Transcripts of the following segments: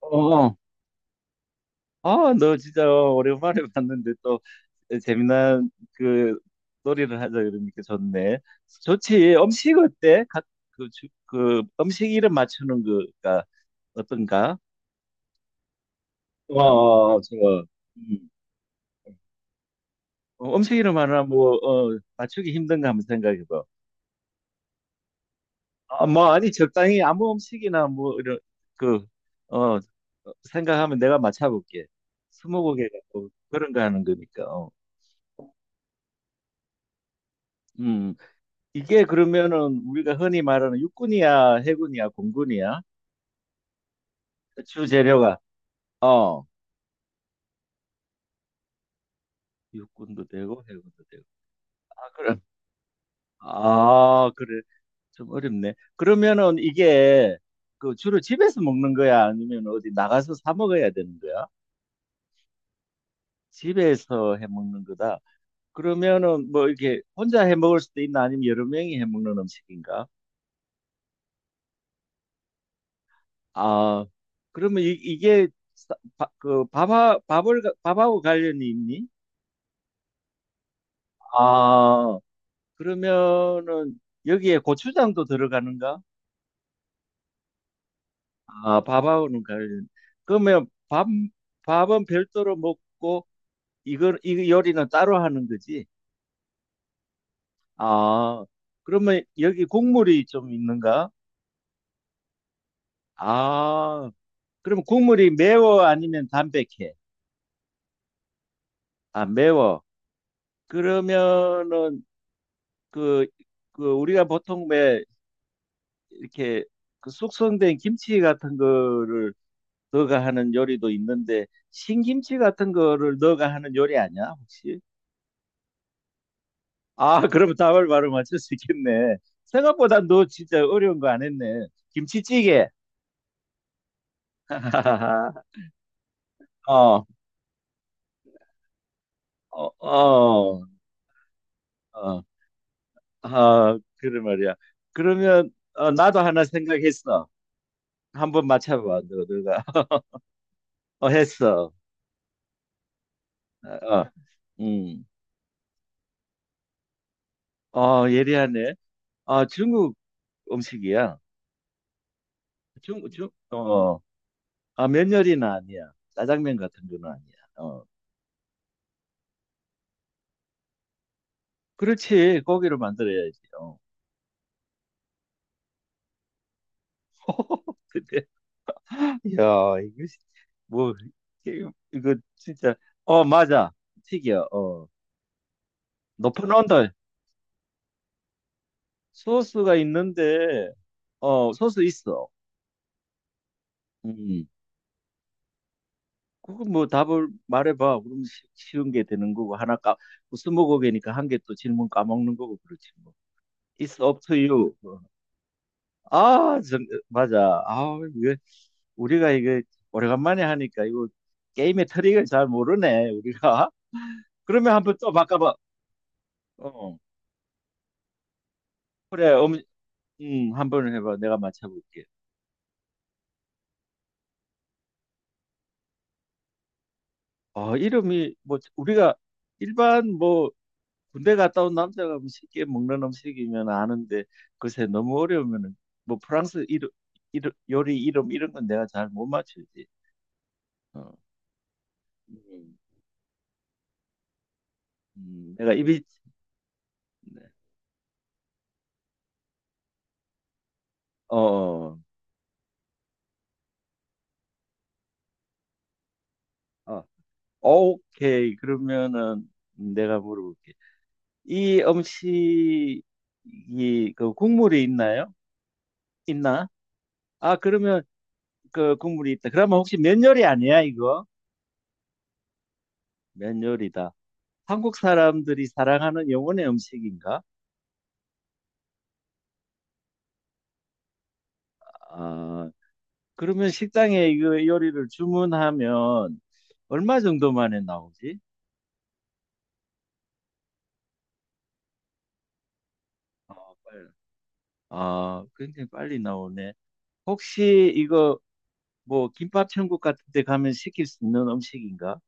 어, 어. 아, 너 진짜 오랜만에 봤는데 또 재미난 그 놀이를 하자 그러니까 좋네. 좋지. 음식 어때? 그 음식 이름 맞추는 거가 어떤가? 어, 어, 좋아. 음. 음식 이름 하나 뭐 맞추기 힘든가 한번 생각해봐. 아, 뭐 아니 적당히 아무 음식이나 뭐 이런 그 어, 생각하면 내가 맞춰볼게. 스무고개 같고 그런 거 하는 거니까. 어. 이게 그러면은 우리가 흔히 말하는 육군이야, 해군이야, 공군이야? 주 재료가 어 육군도 되고 해군도 되고. 아 그래. 아 그래. 좀 어렵네. 그러면은 이게 그 주로 집에서 먹는 거야, 아니면 어디 나가서 사 먹어야 되는 거야? 집에서 해 먹는 거다. 그러면은 뭐 이렇게 혼자 해 먹을 수도 있나, 아니면 여러 명이 해 먹는 음식인가? 아 그러면 이게 그 밥을 밥하고 관련이 있니? 아, 그러면은 여기에 고추장도 들어가는가? 아, 밥하고는 관련. 그러면 밥은 별도로 먹고 이거 이 요리는 따로 하는 거지? 아, 그러면 여기 국물이 좀 있는가? 아, 그럼 국물이 매워 아니면 담백해? 아, 매워. 그러면은 그, 그 우리가 보통 왜 이렇게 그 숙성된 김치 같은 거를 너가 하는 요리도 있는데 신김치 같은 거를 너가 하는 요리 아니야 혹시? 아 그러면 답을 바로 맞출 수 있겠네. 생각보다 너 진짜 어려운 거 안 했네. 김치찌개. 어, 어, 어, 어, 아, 그래 말이야. 그러면 나도 하나 생각했어. 한번 맞춰봐, 너가. 어, 했어. 어, 어. 음, 예리하네. 아, 중국 음식이야. 어. 어. 아, 면열이는 아니야. 짜장면 같은 거는 아니야. 어. 그렇지. 고기를 만들어야지. 어. 근데, 야, 이거, 뭐, 이거 진짜, 맞아. 튀겨. 어. 높은 온도, 소스가 있는데, 소스 있어. 음. 그거 뭐 답을 말해봐. 그럼 쉬운 게 되는 거고, 뭐 스무고개니까 한 개 또 질문 까먹는 거고, 그렇지 뭐. It's up to you. 어. 아, 맞아. 아, 이 우리가 이거 오래간만에 하니까 이거 게임의 트릭을 잘 모르네, 우리가. 그러면 한번 또 바꿔봐. 어, 그래, 한번 해봐. 내가 맞춰볼게. 이름이, 뭐, 우리가 일반 뭐, 군대 갔다 온 남자가 뭐 쉽게 먹는 음식이면 아는데, 글쎄, 너무 어려우면은, 뭐, 프랑스 요리 이름, 이런 건 내가 잘 못 맞추지. 어, 음, 내가 입이, 어, 어, 어, 어, 오케이. 그러면은, 내가 물어볼게. 이 음식이 그 국물이 있나요? 있나? 아, 그러면 그 국물이 있다. 그러면 혹시 면 요리 아니야, 이거? 면 요리다. 한국 사람들이 사랑하는 영혼의 음식인가? 아, 그러면 식당에 이거 요리를 주문하면 얼마 정도 만에 나오지? 아, 빨리. 아, 굉장히 빨리 나오네. 혹시 이거 뭐 김밥 천국 같은 데 가면 시킬 수 있는 음식인가?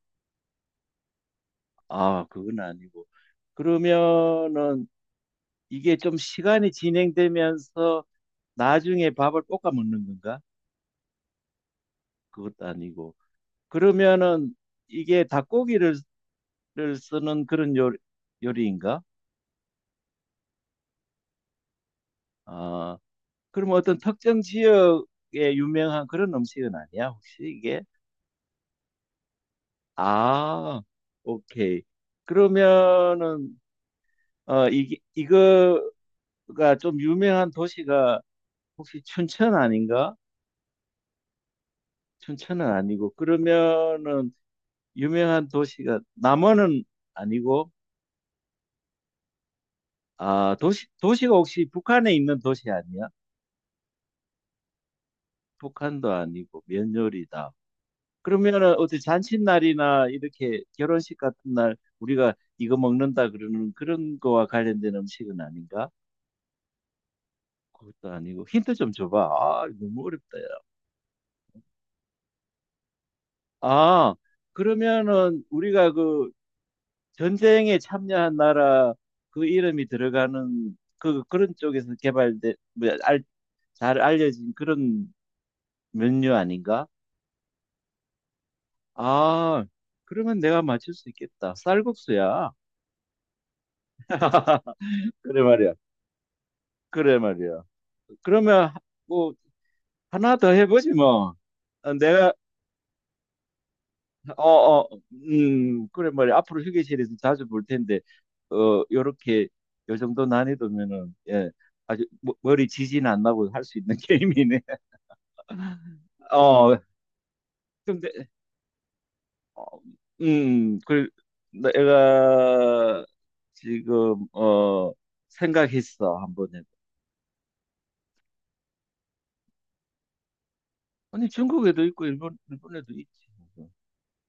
아, 그건 아니고. 그러면은 이게 좀 시간이 진행되면서 나중에 밥을 볶아 먹는 건가? 그것도 아니고. 그러면은 이게 닭고기를 를 쓰는 그런 요리인가? 아, 그럼 어떤 특정 지역에 유명한 그런 음식은 아니야, 혹시 이게? 아, 오케이. 그러면은 이게 이거가 좀 유명한 도시가 혹시 춘천 아닌가? 춘천은 아니고 그러면은 유명한 도시가 남원은 아니고 아 도시가 혹시 북한에 있는 도시 아니야? 북한도 아니고 면요리다. 그러면은 어디 잔칫날이나 이렇게 결혼식 같은 날 우리가 이거 먹는다 그러는 그런 거와 관련된 음식은 아닌가? 그것도 아니고 힌트 좀 줘봐. 아 너무 어렵다 야. 아 그러면은 우리가 그 전쟁에 참여한 나라 그 이름이 들어가는 그 그런 쪽에서 개발된 뭐, 잘 알려진 그런 메뉴 아닌가? 아, 그러면 내가 맞출 수 있겠다. 쌀국수야. 그래 말이야. 그래 말이야. 그러면 뭐 하나 더 해보지 뭐. 어, 내가 어, 어, 그래 말이야. 앞으로 휴게실에서 자주 볼 텐데 요렇게 요 정도 난이도면은 예, 아주 머리 지진 안 나고 할 수 있는 게임이네. 어, 근데 어, 음, 그, 내가 지금, 생각했어, 한번 에 아니, 중국에도 있고, 일본에도 있지.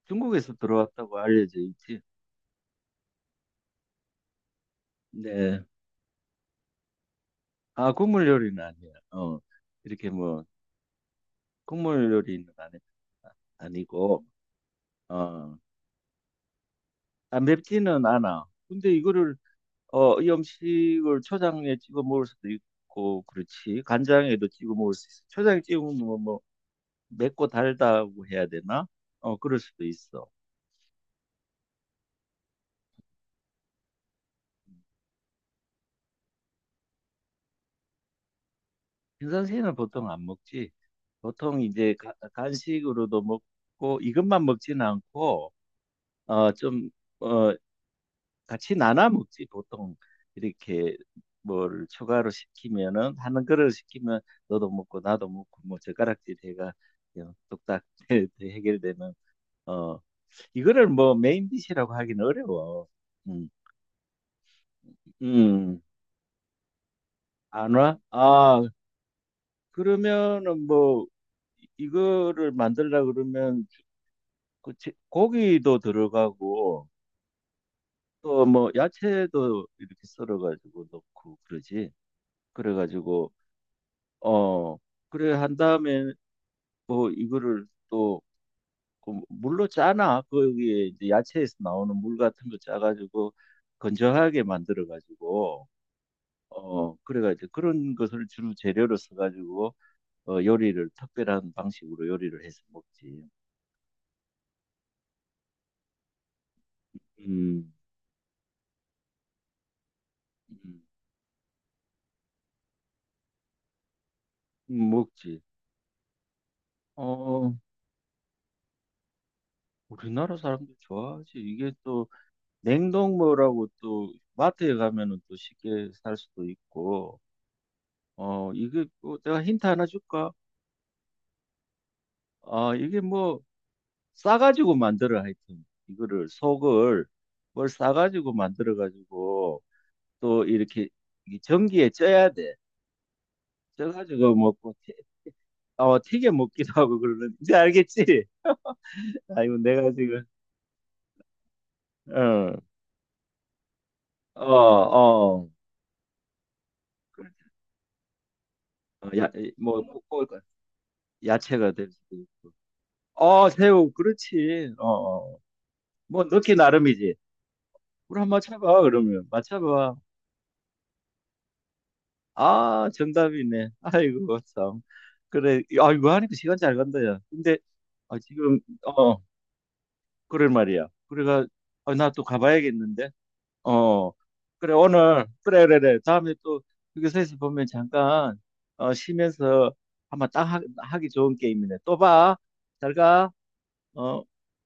중국에서 들어왔다고 알려져 있지. 네. 아, 국물 요리는 아니야. 이렇게 뭐, 국물 요리는 아니, 아, 아니고, 어, 아, 맵지는 않아. 근데 이거를, 이 음식을 초장에 찍어 먹을 수도 있고, 그렇지. 간장에도 찍어 먹을 수 있어. 초장에 찍어 먹는 건 뭐, 맵고 달다고 해야 되나? 그럴 수도 있어. 인선새는 보통 안 먹지. 보통 이제 간식으로도 먹고 이것만 먹지는 않고 좀 어, 같이 나눠 먹지. 보통 이렇게 뭘 추가로 시키면은 하는 그릇 시키면 너도 먹고 나도 먹고 뭐 젓가락질 해가 그냥 뚝딱 해결되는 어 이거를 뭐 메인 디시라고 하긴 어려워. 음, 음, 안 와? 아, 그러면은 뭐 이- 거를 만들라 그러면 그 고기도 들어가고 또 뭐 야채도 이렇게 썰어가지고 넣고 그러지. 그래가지고 어 그래 한 다음에 뭐 이거를 또그 물로 짜나 거기에 이제 야채에서 나오는 물 같은 거 짜가지고 건조하게 만들어가지고 그래가지고 그런 것을 주로 재료로 써가지고 요리를 특별한 방식으로 요리를 해서 먹지. 음. 음, 먹지. 어, 우리나라 사람들 좋아하지. 이게 또 냉동무라고 또 마트에 가면은 또 쉽게 살 수도 있고. 이게 뭐 내가 힌트 하나 줄까? 아, 이게 뭐 싸가지고 만들어 하여튼 이거를 속을 뭘 싸가지고 만들어 가지고 또 이렇게 이게 전기에 쪄야 돼. 쪄가지고 먹고 튀겨 먹기도 하고 그러는 이제 알겠지? 아이고 내가 지금 어, 어, 어. 야, 뭐, 꼭 꼭 야채가 될 수도 있고. 어, 새우, 그렇지. 어, 어. 뭐, 넣기 나름이지. 물 한번 쳐봐, 그러면. 맞춰봐. 아, 정답이네. 아이고, 참. 그래. 아, 이거 하니까 시간 잘 간다, 야. 근데, 아, 지금, 어, 그럴 말이야. 그래가, 아, 나 또 가봐야겠는데. 어, 그래, 오늘, 그래, 그래, 그래. 다음에 또, 휴게소에서 보면 잠깐, 쉬면서 한번 딱 하기 좋은 게임이네. 또 봐. 잘 가. 어.